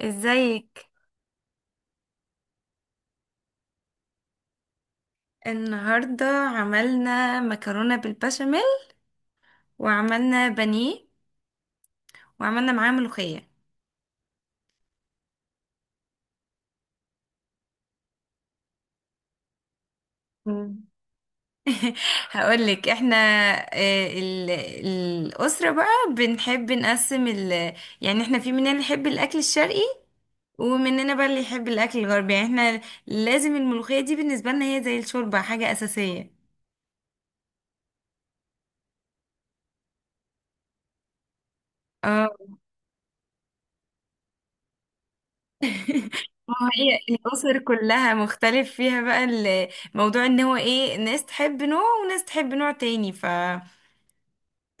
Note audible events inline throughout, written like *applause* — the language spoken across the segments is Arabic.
ازيك. النهارده عملنا مكرونه بالبشاميل، وعملنا بانيه، وعملنا معاه ملوخيه. مم. هقولك احنا، الاسره بقى بنحب نقسم ال، يعني احنا في مننا اللي يحب الاكل الشرقي، ومننا بقى اللي يحب الاكل الغربي. يعني احنا لازم الملوخيه دي بالنسبه لنا هي زي الشوربه، حاجه اساسيه. اه، ما هو هي الأسر كلها مختلف فيها بقى. الموضوع ان هو ايه، ناس تحب نوع وناس تحب نوع تاني، ف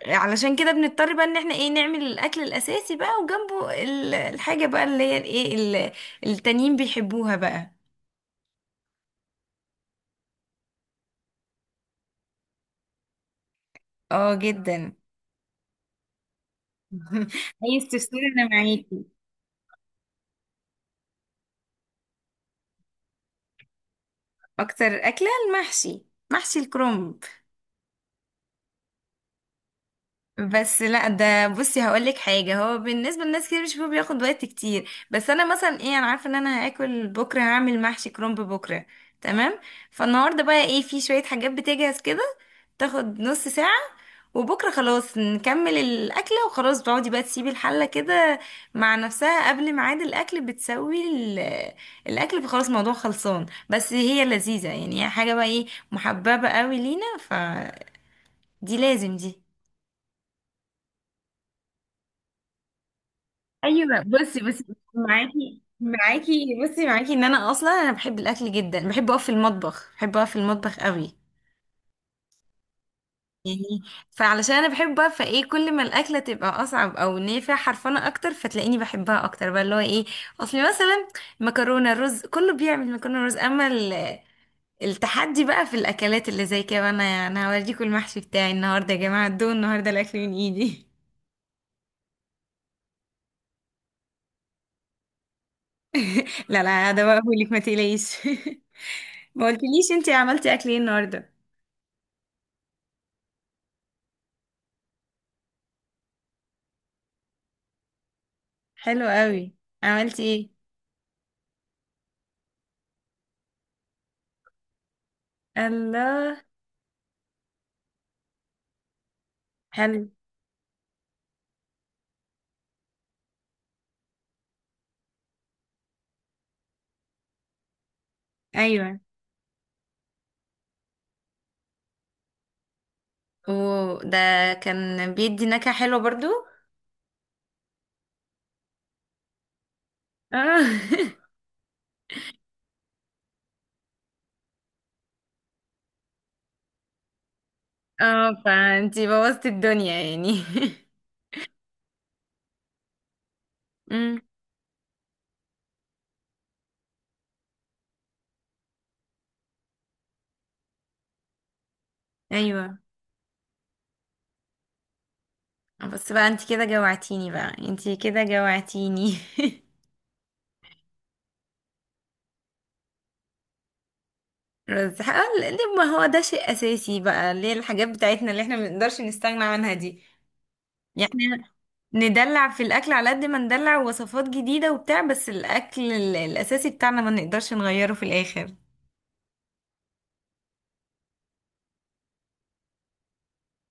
علشان كده بنضطر بقى ان احنا ايه، نعمل الأكل الأساسي بقى، وجنبه الحاجة بقى اللي هي ايه التانيين بيحبوها بقى. اه جدا. *laughs* عايز تفصلي انا معاكي. اكتر أكلة المحشي، محشي الكرنب. بس لا، ده بصي هقول لك حاجه، هو بالنسبه لناس كتير بيشوفوه بياخد وقت كتير، بس انا مثلا ايه، انا عارفه ان انا هاكل بكره هعمل محشي كرنب بكره، تمام؟ فالنهارده بقى ايه، في شويه حاجات بتجهز كده، تاخد نص ساعه، وبكره خلاص نكمل الاكله، وخلاص بتقعدي بقى تسيبي الحله كده مع نفسها قبل ميعاد الاكل بتسوي الاكل، فخلاص الموضوع خلصان. بس هي لذيذه يعني، هي حاجه بقى ايه محببه قوي لينا، فدي لازم دي. ايوه بصي بس، معاكي معاكي بصي معاكي ان انا اصلا، انا بحب الاكل جدا، بحب اقف في المطبخ، بحب اقف في المطبخ قوي يعني. فعلشان انا بحبها، فايه كل ما الاكله تبقى اصعب، او ان هي فيها حرفنه اكتر، فتلاقيني بحبها اكتر بقى، اللي هو ايه، اصل مثلا مكرونه رز كله بيعمل مكرونه رز، اما التحدي بقى في الاكلات اللي زي كده. انا هوريكم المحشي بتاعي النهارده يا جماعه، الدون النهارده الاكل من ايدي. لا، ده بقى بقولك ما تقلقيش. *laughs* ما قلتليش انتي عملتي اكل ايه النهارده؟ حلو قوي. عملتي ايه؟ الله. حلو. ايوه، وده كان بيدي نكهة حلوة برضو. اه. *laughs* اه، فانتي بوظتي الدنيا يعني. *laughs* امم ايوه. بس بقى انت كده جوعتيني، بقى انت كده جوعتيني. *laughs* رز حقل- ليه، ما هو ده شيء اساسي بقى، ليه الحاجات بتاعتنا اللي احنا ما بنقدرش نستغنى عنها دي، يعني ندلع في الاكل على قد ما ندلع وصفات جديده وبتاع، بس الاكل الاساسي بتاعنا ما نقدرش نغيره في الاخر.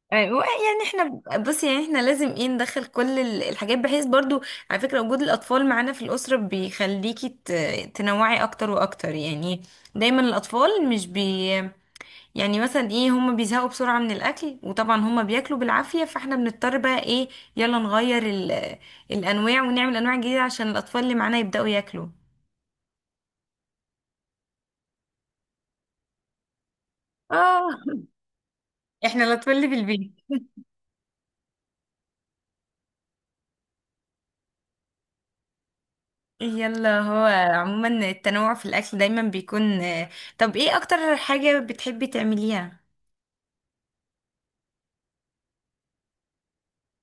أيوة، يعني احنا بص، يعني احنا لازم ايه، ندخل كل الحاجات بحيث برضو. على فكره وجود الاطفال معانا في الاسره بيخليكي تنوعي اكتر واكتر يعني. دايما الاطفال مش بي، يعني مثلا ايه، هم بيزهقوا بسرعه من الاكل، وطبعا هم بياكلوا بالعافيه، فاحنا بنضطر بقى ايه، يلا نغير الانواع، ونعمل انواع جديده عشان الاطفال اللي معانا يبداوا ياكلوا. اه احنا الأطفال اللي في البيت. يلا، هو عموما التنوع في الأكل دايما بيكون. طب ايه أكتر حاجة بتحبي تعمليها؟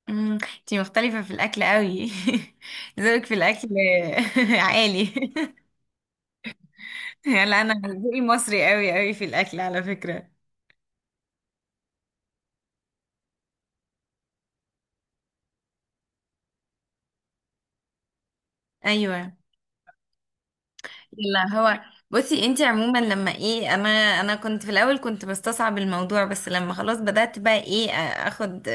امم، انتي مختلفة في الأكل قوي. *laughs* ذوقك في الأكل *laughs* عالي. *laughs* لا، أنا ذوقي مصري قوي في الأكل على فكرة. أيوة. لا، هو بصي انت عموما لما ايه، انا، انا كنت في الاول كنت بستصعب الموضوع، بس لما خلاص بدأت بقى ايه اخد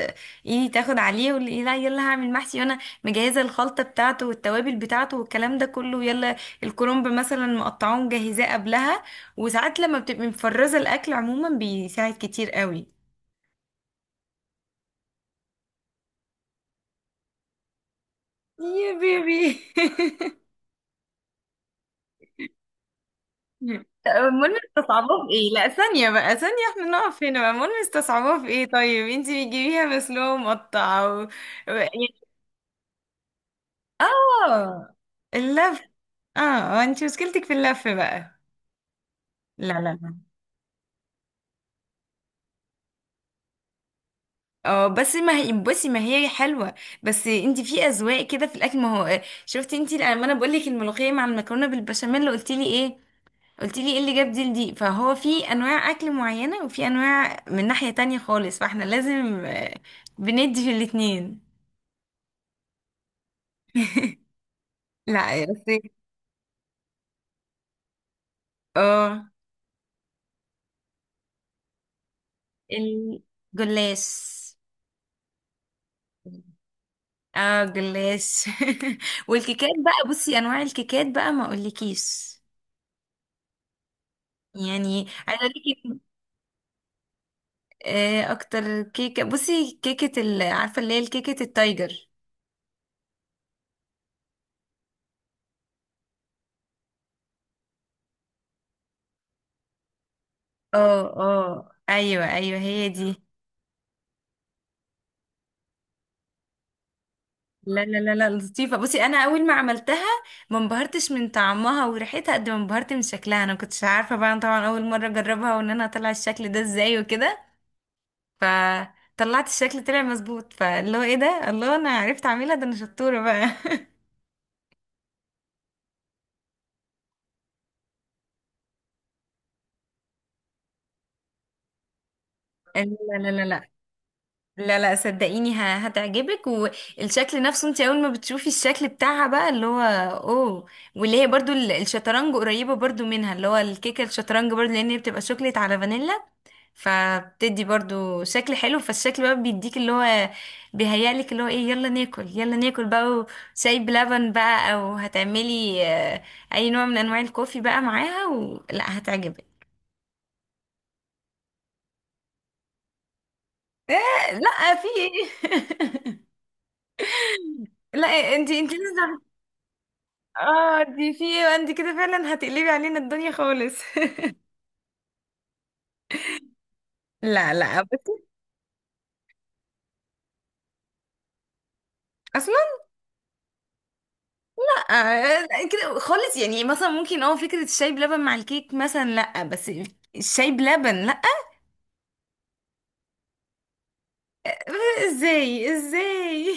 ايه، تاخد عليه واللي لا، يلا هعمل محشي، وانا مجهزة الخلطة بتاعته والتوابل بتاعته والكلام ده كله، يلا. الكرنب مثلا مقطعاه مجهزاه قبلها، وساعات لما بتبقي مفرزة الاكل عموما بيساعد كتير قوي. يا بيبي. *laughs* المهم استصعبوها في ايه، لا ثانية بقى ثانية، احنا نقف هنا بقى، المهم استصعبوها في ايه؟ طيب انتي بتجيبيها مسلوقة مقطعة و... و... يعني- اه، اللف. اه، آه، انتي مشكلتك في اللف بقى. لا، اه بس ما هي بصي ما هي حلوة. بس انتي في اذواق كده في الاكل، ما هو شفتي انتي لما انا بقول لك الملوخية مع المكرونة بالبشاميل اللي قلتي لي ايه، قلت لي ايه اللي جاب دي لدي؟ فهو في انواع اكل معينة، وفي انواع من ناحية تانية خالص، فاحنا لازم بندي في الاتنين. *laughs* لا بس، اه الجلاش. اه جلاش. *laughs* والكيكات بقى، بصي انواع الكيكات بقى ما اقولكيش، يعني عايزه اقول لك. اكتر كيكه بصي، كيكه عارفه اللي هي الكيكه التايجر. اه اه، ايوه ايوه، هي دي. لا لا لا لا، لطيفة بصي، أنا أول ما عملتها ما انبهرتش من طعمها وريحتها قد ما انبهرت من شكلها. أنا ما كنتش عارفة بقى، أنا طبعا أول مرة أجربها، وإن أنا أطلع الشكل ده إزاي وكده، فطلعت الشكل، طلع مظبوط، فاللي هو إيه ده، الله، أنا عرفت أعملها، ده أنا شطورة بقى. *laughs* لا لا لا لا، لا لا صدقيني، ه- هتعجبك، والشكل نفسه، انت اول ما بتشوفي الشكل بتاعها بقى اللي هو اوه. واللي هي برضو الشطرنج، قريبة برضو منها، اللي هو الكيكة الشطرنج برضو، لان هي بتبقى شوكليت على فانيلا، فبتدي برضو شكل حلو، فالشكل بقى بيديك اللي هو بيهيألك اللي هو ايه، يلا ناكل يلا ناكل بقى، وشاي بلبن بقى، او هتعملي اي نوع من انواع الكوفي بقى معاها، ولا هتعجبك؟ إيه؟ لا، في ايه؟ *laughs* لا، انتي لازم. اه دي في ايه، انت كده فعلا هتقلبي علينا الدنيا خالص. *laughs* لا لا بس. اصلا آه، كده خالص، يعني مثلا ممكن اه فكرة الشاي بلبن مع الكيك مثلا، لا بس الشاي بلبن لا. *laughs* ازاي ازاي.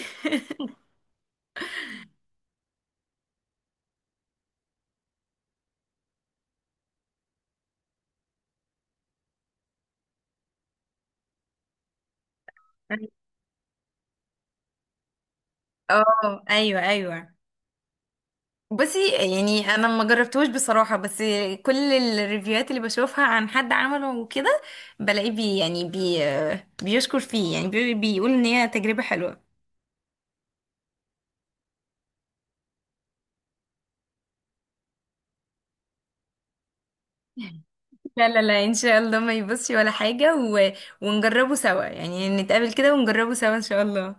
اه ايوه ايوه، بصي يعني انا ما جربتوش بصراحه، بس كل الريفيوهات اللي بشوفها عن حد عمله وكده، بلاقيه بي، يعني بي بيشكر فيه، يعني بي بيقول ان هي تجربه حلوه. لا، ان شاء الله ما يبصش ولا حاجه، و... ونجربه سوا يعني، نتقابل كده ونجربه سوا ان شاء الله.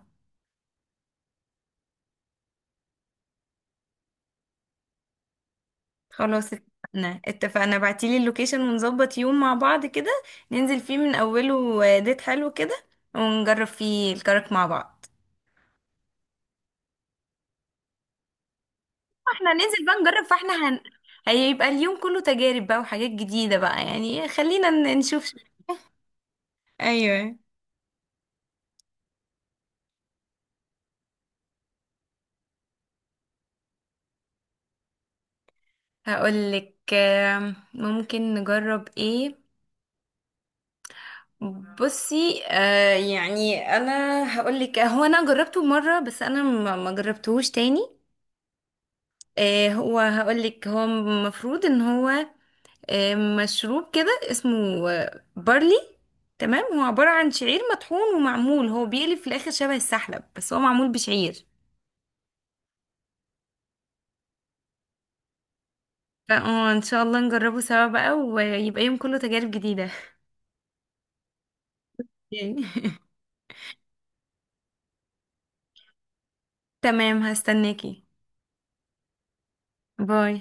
خلاص اتفقنا اتفقنا، بعتيلي اللوكيشن، ونظبط يوم مع بعض كده، ننزل فيه من اوله، ديت حلو كده، ونجرب فيه الكرك مع بعض. احنا ننزل بقى نجرب، فاحنا هن-، هيبقى اليوم كله تجارب بقى وحاجات جديدة بقى يعني، خلينا نشوف. ايوه. هقولك، آم، ممكن نجرب ايه، بصي آه يعني انا، هقولك، هو انا جربته مرة بس انا ما جربتهوش تاني. هو هقولك هو المفروض ان هو، مشروب كده اسمه بارلي، تمام؟ هو عبارة عن شعير مطحون ومعمول، هو بيقلب في الآخر شبه السحلب، بس هو معمول بشعير. فاه ان شاء الله نجربه سوا بقى، ويبقى يوم كله تجارب جديدة. *laughs* تمام هستناكي. باي.